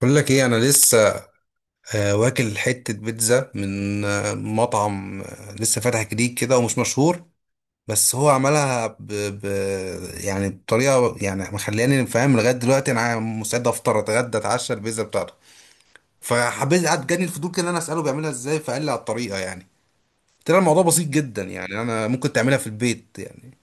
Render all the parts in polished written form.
بقول لك ايه انا لسه واكل حته بيتزا من مطعم لسه فاتح جديد كده ومش مشهور. بس هو عملها يعني بطريقه يعني مخلياني فاهم لغايه دلوقتي. انا مستعد افطر اتغدى اتعشى البيتزا بتاعته. فحبيت قعد جاني الفضول كده ان انا اساله بيعملها ازاي فقال لي على الطريقه يعني. قلت له الموضوع بسيط جدا يعني انا ممكن تعملها في البيت يعني.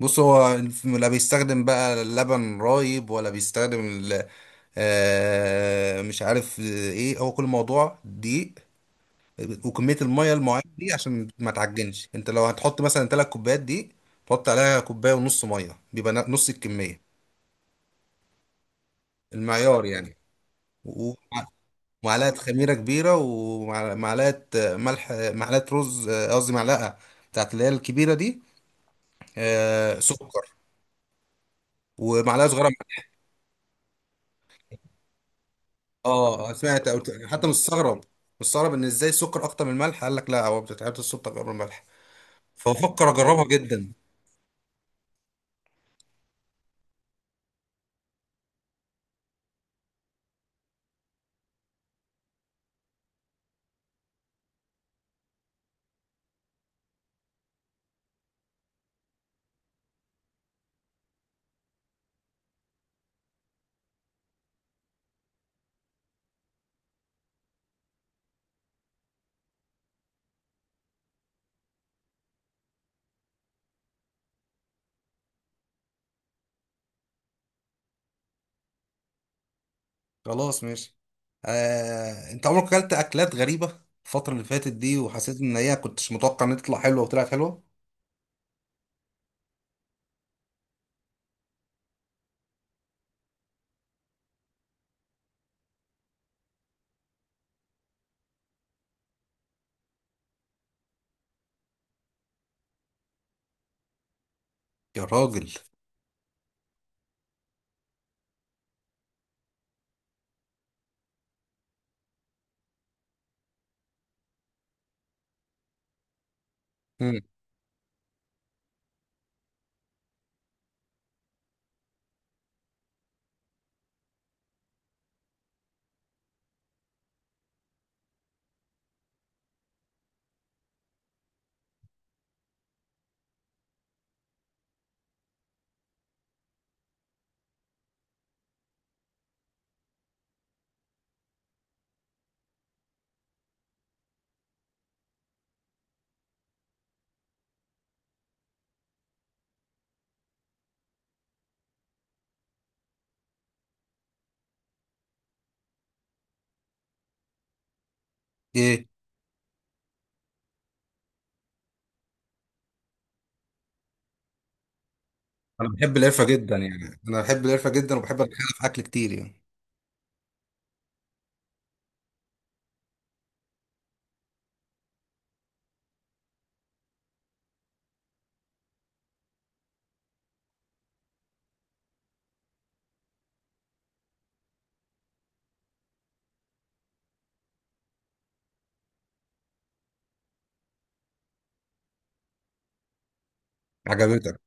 بص هو لا بيستخدم بقى لبن رايب ولا بيستخدم. مش عارف. ايه هو كل موضوع دقيق. وكمية المية المعينة دي عشان ما تعجنش. انت لو هتحط مثلا 3 كوبايات دقيق حط عليها كوباية ونص مية بيبقى نص الكمية. المعيار يعني. و- ومعلقة خميرة كبيرة ومعلقة ملح معلقة رز قصدي معلقة بتاعت اللي هي الكبيرة دي سكر ومعلقة صغيرة. اه سمعت. حتى مستغرب مستغرب ان ازاي السكر اكتر من الملح. قال لك لا هو بتتعبت السكر اكتر من الملح. فبفكر اجربها جدا. خلاص ماشي. انت عمرك اكلت اكلات غريبه الفتره اللي فاتت دي وحسيت ان هي كنتش متوقع ان هي تطلع حلوه وطلعت حلوه؟ يا راجل. مم. ايه؟ انا بحب القرفه جدا يعني انا بحب القرفه جدا وبحب اتخيل في اكل كتير يعني. عجبتك؟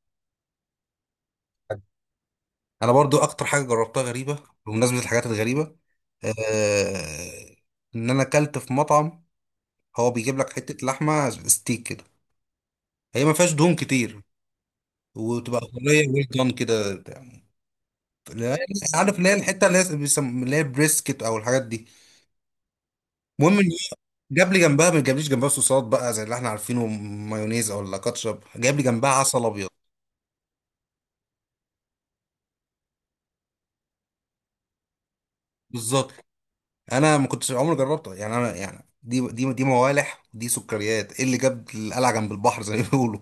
انا برضو اكتر حاجه جربتها غريبه بمناسبه الحاجات الغريبه. آه ان انا اكلت في مطعم. هو بيجيب لك حته لحمه ستيك كده هي ما فيهاش دهون كتير وتبقى طريه ويل دون كده بتاع. لا، عارف اللي هي الحته اللي هي اللي هي بريسكت او الحاجات دي. المهم إن جاب لي جنبها ما جابليش جنبها صوصات بقى زي اللي احنا عارفينه مايونيز او ولا كاتشب. جاب لي جنبها عسل ابيض. بالظبط. انا ما كنتش عمري جربتها يعني انا يعني دي موالح ودي سكريات. ايه اللي جاب القلعه جنب البحر زي ما بيقولوا.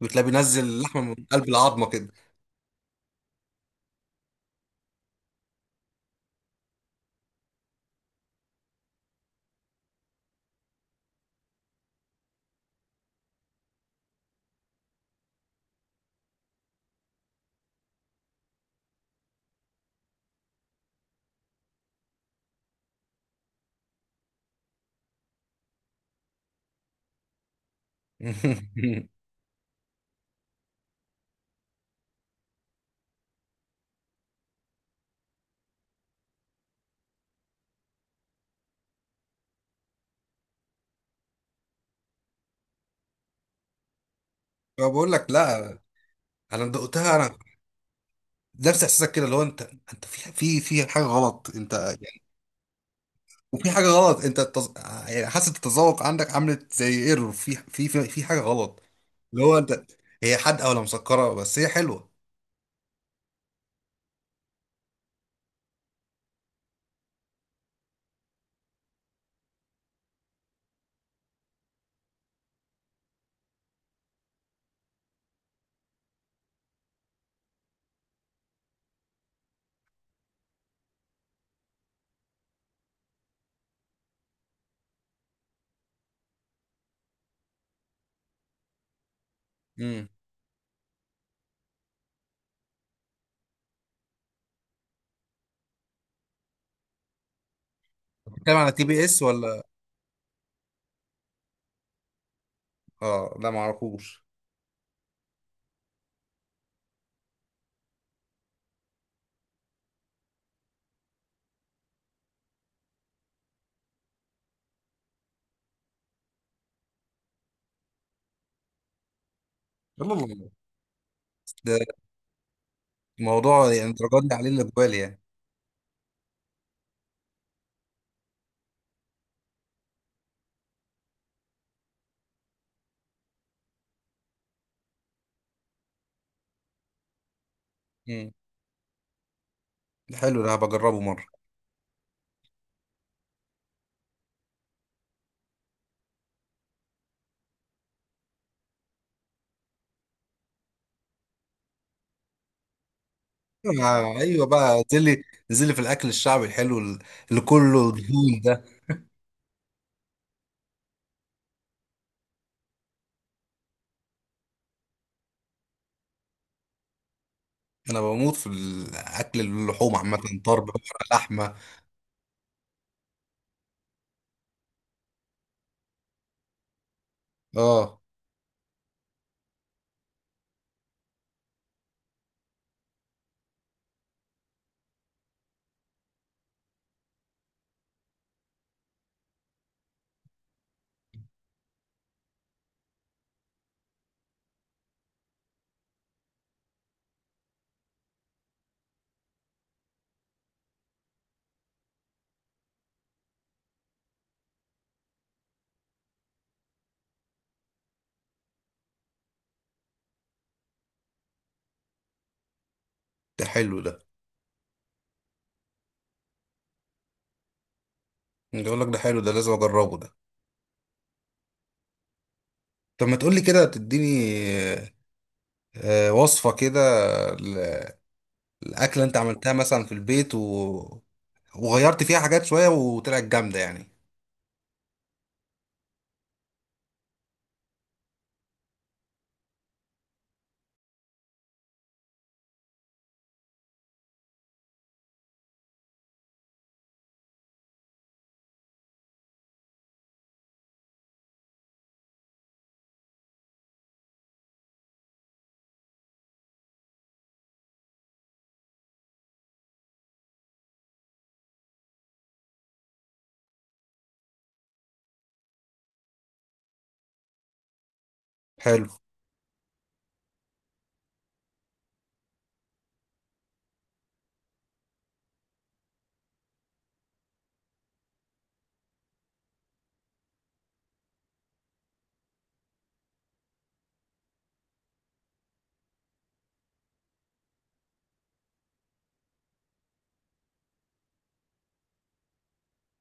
فبتلاقي بينزل لحمه من قلب العظمه كده. فبقول لك لا، انا دقتها انا نفس احساسك كده. اللي هو انت انت في حاجه غلط انت. وفي حاجه غلط انت يعني حاسه التذوق عندك عملت زي ايرور في حاجه غلط. اللي هو انت هي حادقه ولا مسكره بس هي حلوه. امم بتتكلم على تي بي اس ولا؟ اه لا، ما اعرفوش. يلا الله. ده موضوع يعني الدرجات دي عليه الاقبال يعني. امم ده حلو ده هبجربه مره. ايوه بقى انزل لي، انزل لي في الاكل الشعبي الحلو اللي كله دهون ده. انا بموت في الاكل، اللحوم عامه. طرب بقى، لحمه. اه ده حلو ده. بقول لك ده حلو ده لازم اجربه ده. طب ما تقولي كده تديني وصفة كده، ل- الأكلة أنت عملتها مثلا في البيت وغيرت فيها حاجات شوية وطلعت جامدة يعني؟ حلو.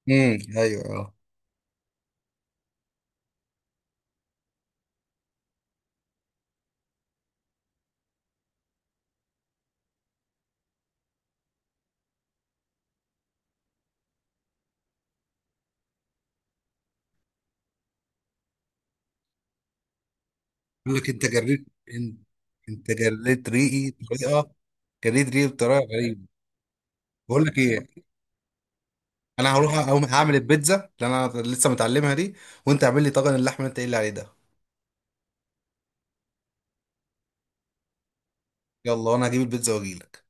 امم، أيوه، أه. يقول لك أنت أنت جريت ريقي بطريقة غريبة. بقول لك إيه، أنا هروح أقوم هعمل البيتزا اللي أنا لسه متعلمها دي. وأنت اعمل لي طاجن اللحمة اللي أنت قايل لي عليه ده. يلا وأنا هجيب البيتزا وأجيلك.